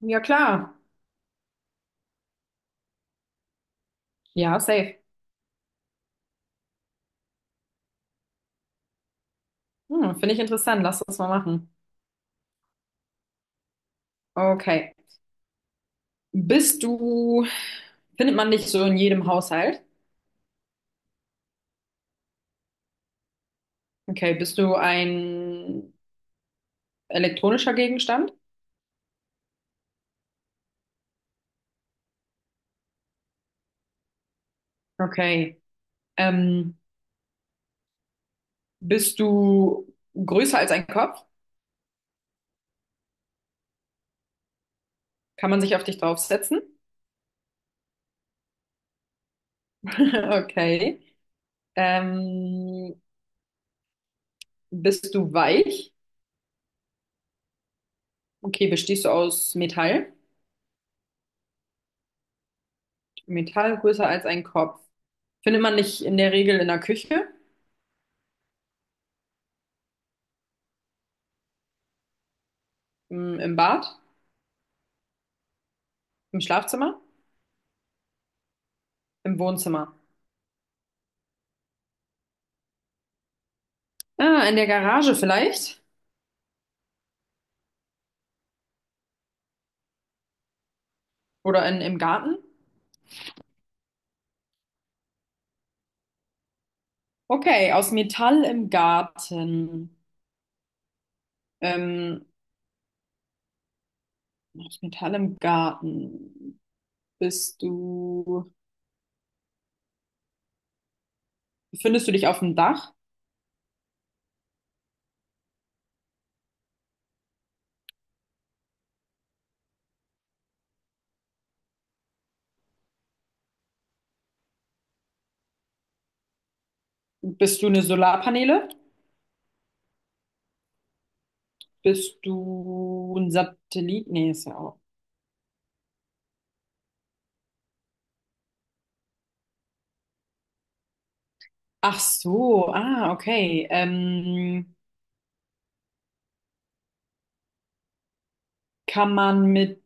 Ja, klar. Ja, safe. Finde ich interessant. Lass das mal machen. Okay. Bist du, Findet man dich so in jedem Haushalt? Okay. Bist du ein elektronischer Gegenstand? Okay. Ähm, Bist du größer als ein Kopf? Kann man sich auf dich draufsetzen? Okay. Ähm, Bist du weich? Okay. Bestehst du aus Metall? Metall größer als ein Kopf. Findet man dich in der Regel in der Küche, im Bad, im Schlafzimmer? Im Wohnzimmer. Ah, in der Garage vielleicht? Oder im Garten? Okay, aus Metall im Garten. Ähm, Aus Metall im Garten. Bist du, Befindest du dich auf dem Dach? Bist du eine Solarpaneele? Bist du ein Satellit? Nee, ist ja auch. Ach so, ah, okay. Kann man mit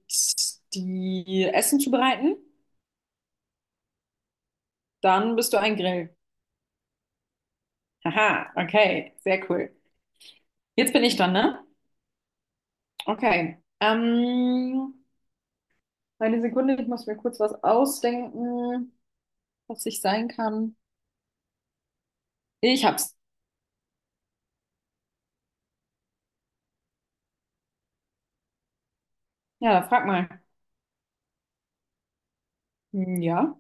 die Essen zubereiten? Dann bist du ein Grill. Haha, okay, sehr cool. Jetzt bin ich dran, ne? Okay. Eine Sekunde, ich muss mir kurz was ausdenken, was ich sein kann. Ich hab's. Ja, frag mal. Hm, ja,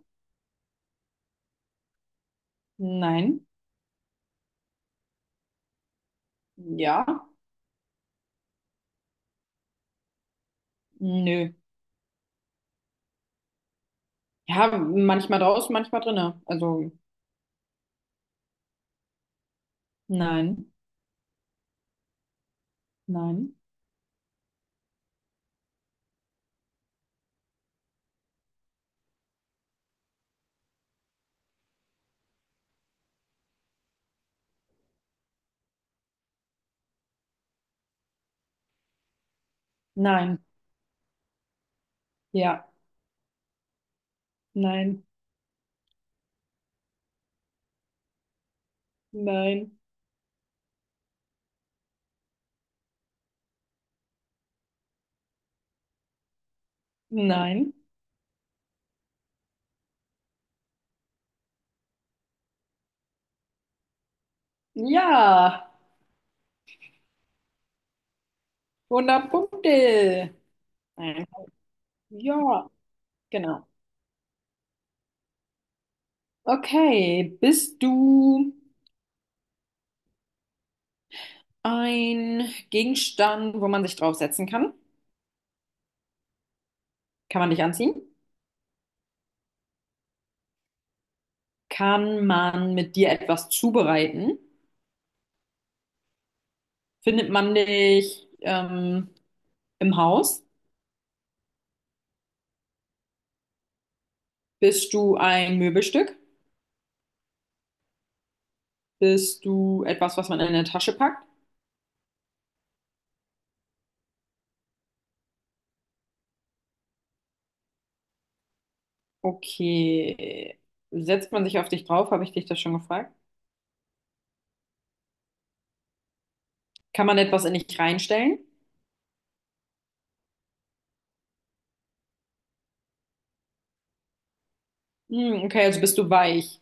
nein, ja, nö. Ja, manchmal draußen, manchmal drinne. Also, nein, nein, nein, ja, nein, nein, nein, ja. 100 Punkte. Nein. Ja, genau. Okay, bist du ein Gegenstand, wo man sich draufsetzen kann. Kann man dich anziehen? Kann man mit dir etwas zubereiten? Findet man dich im Haus? Bist du ein Möbelstück? Bist du etwas, was man in eine Tasche packt? Okay. Setzt man sich auf dich drauf? Habe ich dich das schon gefragt? Kann man etwas in dich reinstellen? Hm, okay, also bist du weich.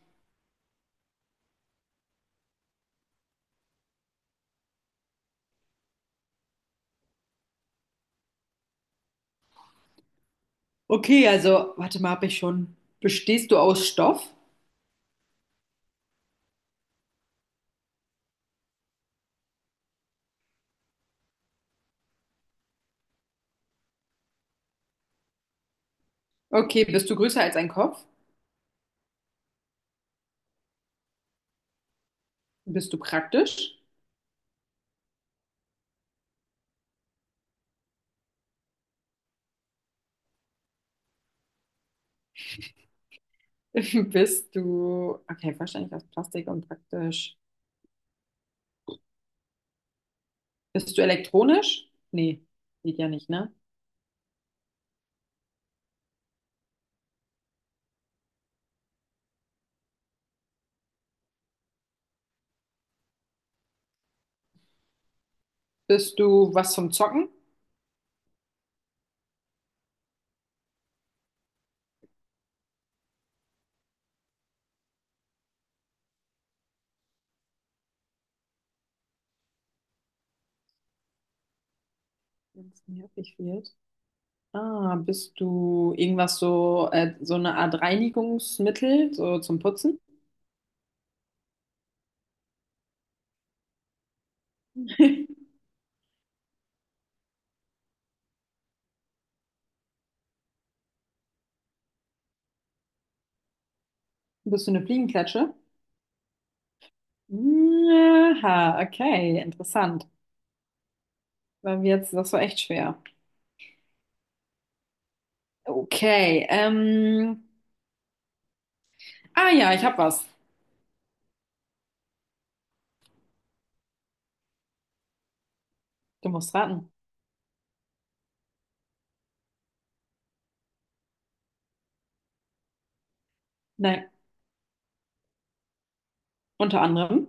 Okay, also, warte mal, habe ich schon. Bestehst du aus Stoff? Okay, bist du größer als ein Kopf? Bist du praktisch? Okay, wahrscheinlich aus Plastik und praktisch. Bist du elektronisch? Nee, geht ja nicht, ne? Bist du was zum Zocken? Wenn es nervig wird. Ah, bist du irgendwas so, so eine Art Reinigungsmittel, so zum Putzen? Bist du eine Fliegenklatsche? Aha, okay, interessant. Das war echt schwer. Okay, ah ja, ich hab was. Du musst raten. Nein, unter anderem.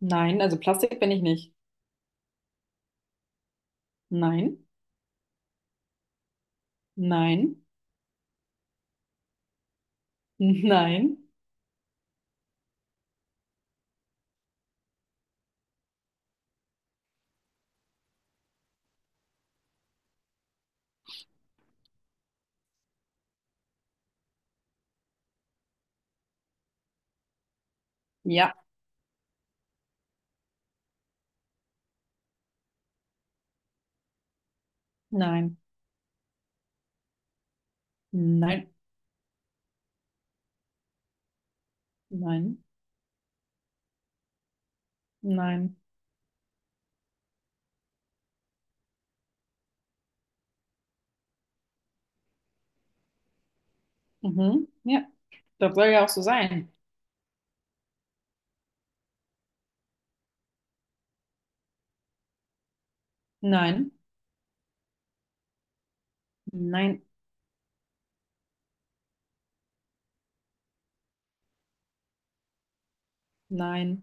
Nein, also Plastik bin ich nicht. Nein, nein, nein, ja, nein, nein, nein, nein. Mhm, ja, das soll ja auch so sein. Nein, nein, nein.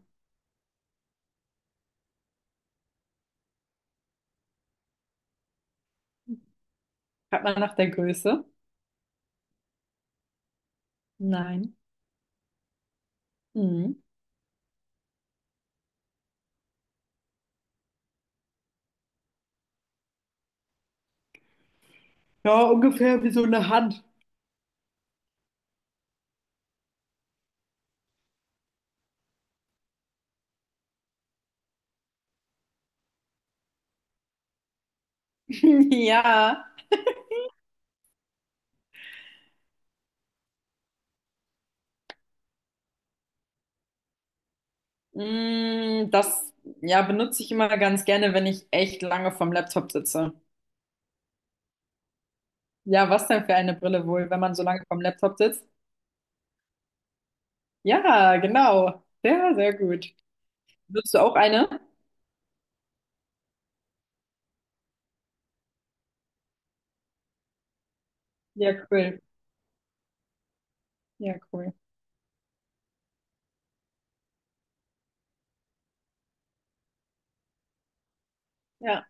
Hat man nach der Größe? Nein. Mhm. Ja, ungefähr wie so eine Hand. Ja, das ja, benutze ich immer ganz gerne, wenn ich echt lange vom Laptop sitze. Ja, was denn für eine Brille wohl, wenn man so lange vom Laptop sitzt? Ja, genau. Sehr, sehr gut. Benutzt du auch eine? Ja, cool. Ja, cool. Ja.